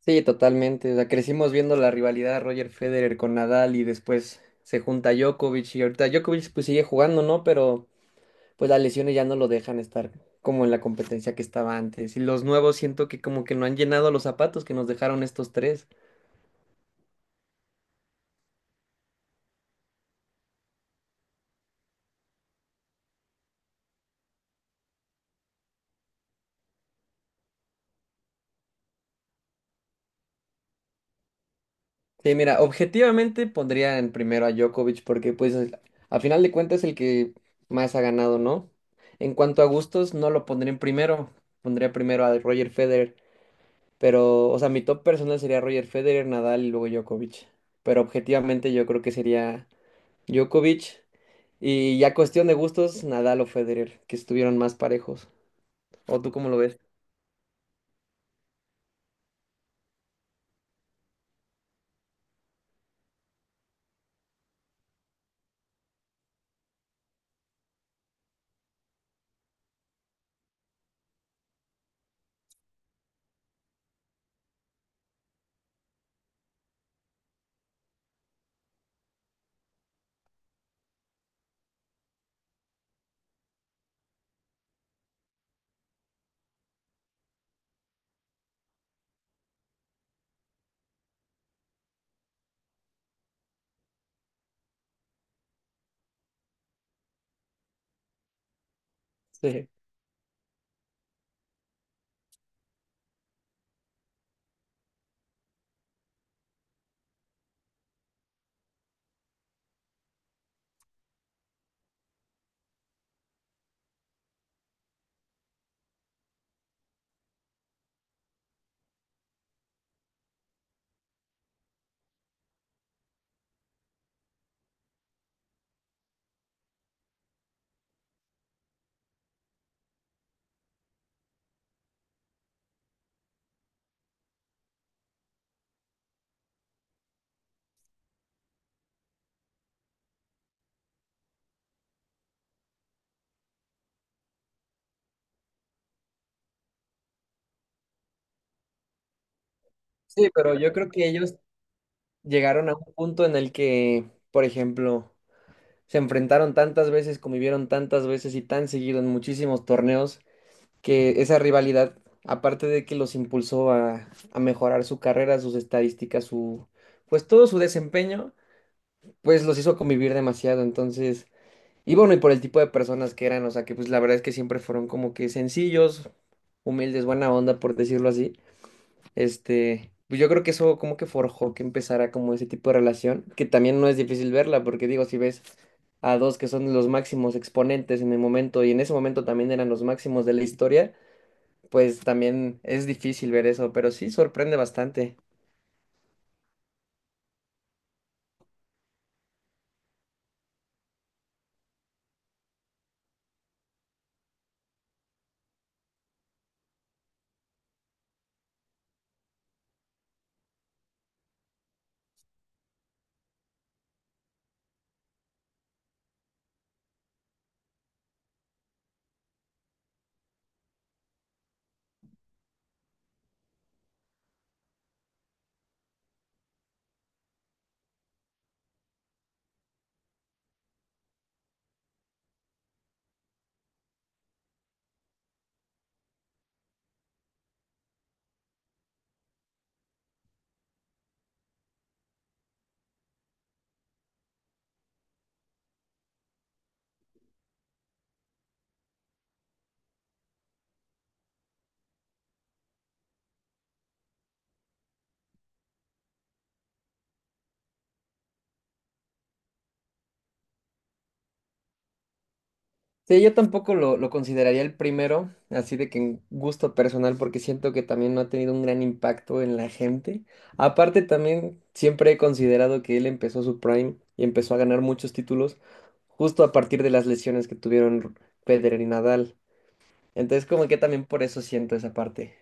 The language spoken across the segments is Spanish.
Sí, totalmente. O sea, crecimos viendo la rivalidad de Roger Federer con Nadal y después se junta Djokovic y ahorita Djokovic pues sigue jugando, ¿no? Pero pues las lesiones ya no lo dejan estar como en la competencia que estaba antes. Y los nuevos siento que como que no han llenado los zapatos que nos dejaron estos tres. Sí, mira, objetivamente pondría en primero a Djokovic porque pues a final de cuentas es el que más ha ganado, ¿no? En cuanto a gustos, no lo pondría en primero. Pondría primero a Roger Federer. Pero, o sea, mi top personal sería Roger Federer, Nadal y luego Djokovic. Pero objetivamente yo creo que sería Djokovic. Y ya cuestión de gustos, Nadal o Federer, que estuvieron más parejos. ¿O tú cómo lo ves? Sí. Sí, pero yo creo que ellos llegaron a un punto en el que, por ejemplo, se enfrentaron tantas veces, convivieron tantas veces y tan seguido en muchísimos torneos, que esa rivalidad, aparte de que los impulsó a mejorar su carrera, sus estadísticas, pues todo su desempeño pues los hizo convivir demasiado, entonces, y bueno, y por el tipo de personas que eran, o sea, que pues la verdad es que siempre fueron como que sencillos, humildes, buena onda, por decirlo así, este, pues yo creo que eso como que forjó que empezara como ese tipo de relación, que también no es difícil verla, porque digo, si ves a dos que son los máximos exponentes en el momento, y en ese momento también eran los máximos de la historia, pues también es difícil ver eso, pero sí sorprende bastante. Sí, yo tampoco lo consideraría el primero, así de que en gusto personal, porque siento que también no ha tenido un gran impacto en la gente. Aparte, también siempre he considerado que él empezó su prime y empezó a ganar muchos títulos justo a partir de las lesiones que tuvieron Federer y Nadal. Entonces, como que también por eso siento esa parte.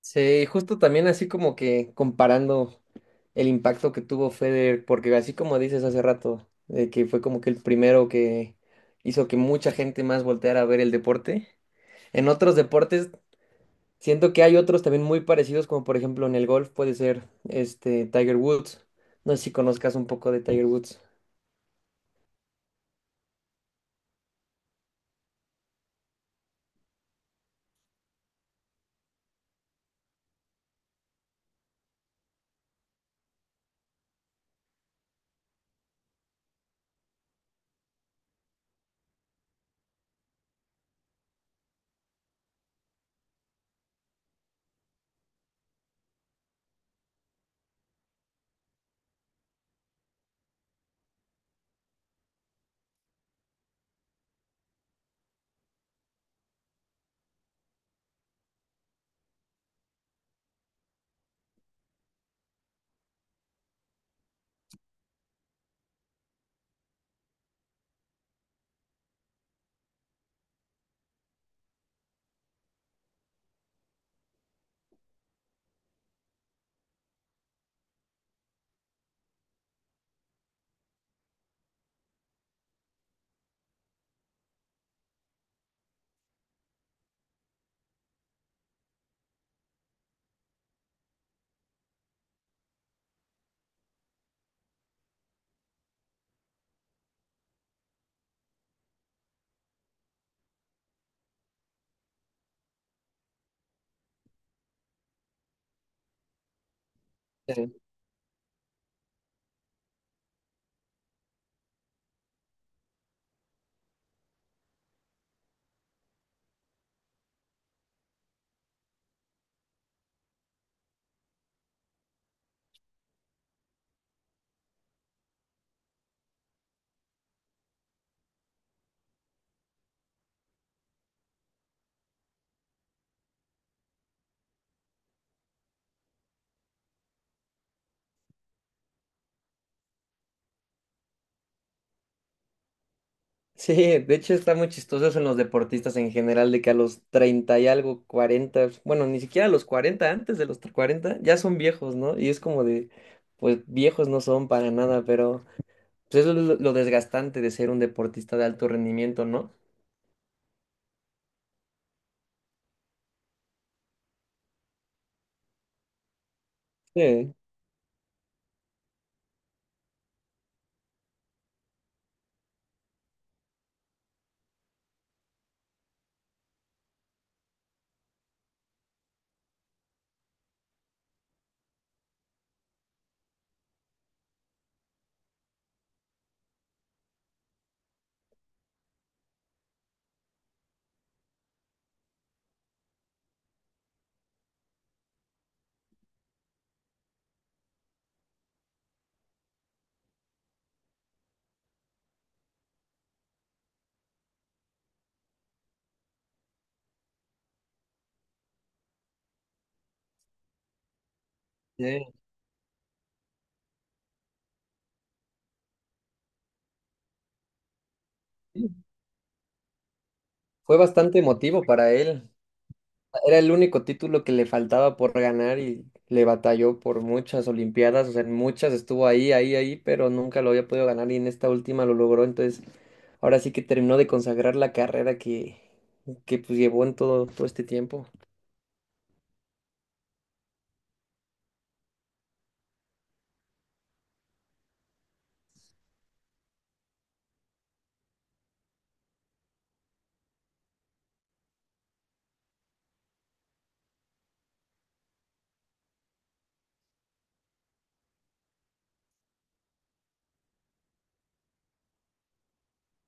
Sí, justo también así como que comparando el impacto que tuvo Federer, porque así como dices hace rato, de que fue como que el primero que hizo que mucha gente más volteara a ver el deporte. En otros deportes siento que hay otros también muy parecidos, como por ejemplo en el golf puede ser este Tiger Woods. No sé si conozcas un poco de Tiger Woods. Sí, de hecho está muy chistoso eso en los deportistas en general, de que a los 30 y algo, 40, bueno, ni siquiera a los 40 antes de los 40 ya son viejos, ¿no? Y es como de, pues viejos no son para nada, pero pues eso es lo desgastante de ser un deportista de alto rendimiento, ¿no? Sí. Sí. Sí. Fue bastante emotivo para él. Era el único título que le faltaba por ganar y le batalló por muchas Olimpiadas, o sea, en muchas estuvo ahí, ahí, ahí, pero nunca lo había podido ganar y en esta última lo logró, entonces ahora sí que terminó de consagrar la carrera que pues llevó en todo, todo este tiempo.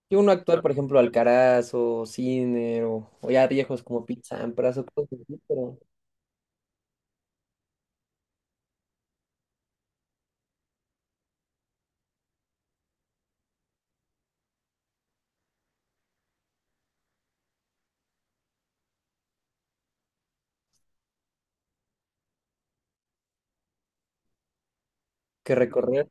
Y uno actual, por ejemplo, Alcaraz o Sinner o, ya viejos como Pete Sampras o cosas así, pero que recorrer,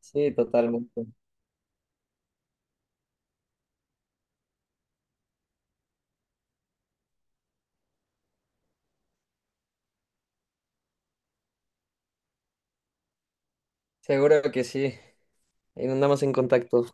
sí, totalmente. Seguro que sí, ahí andamos en contacto.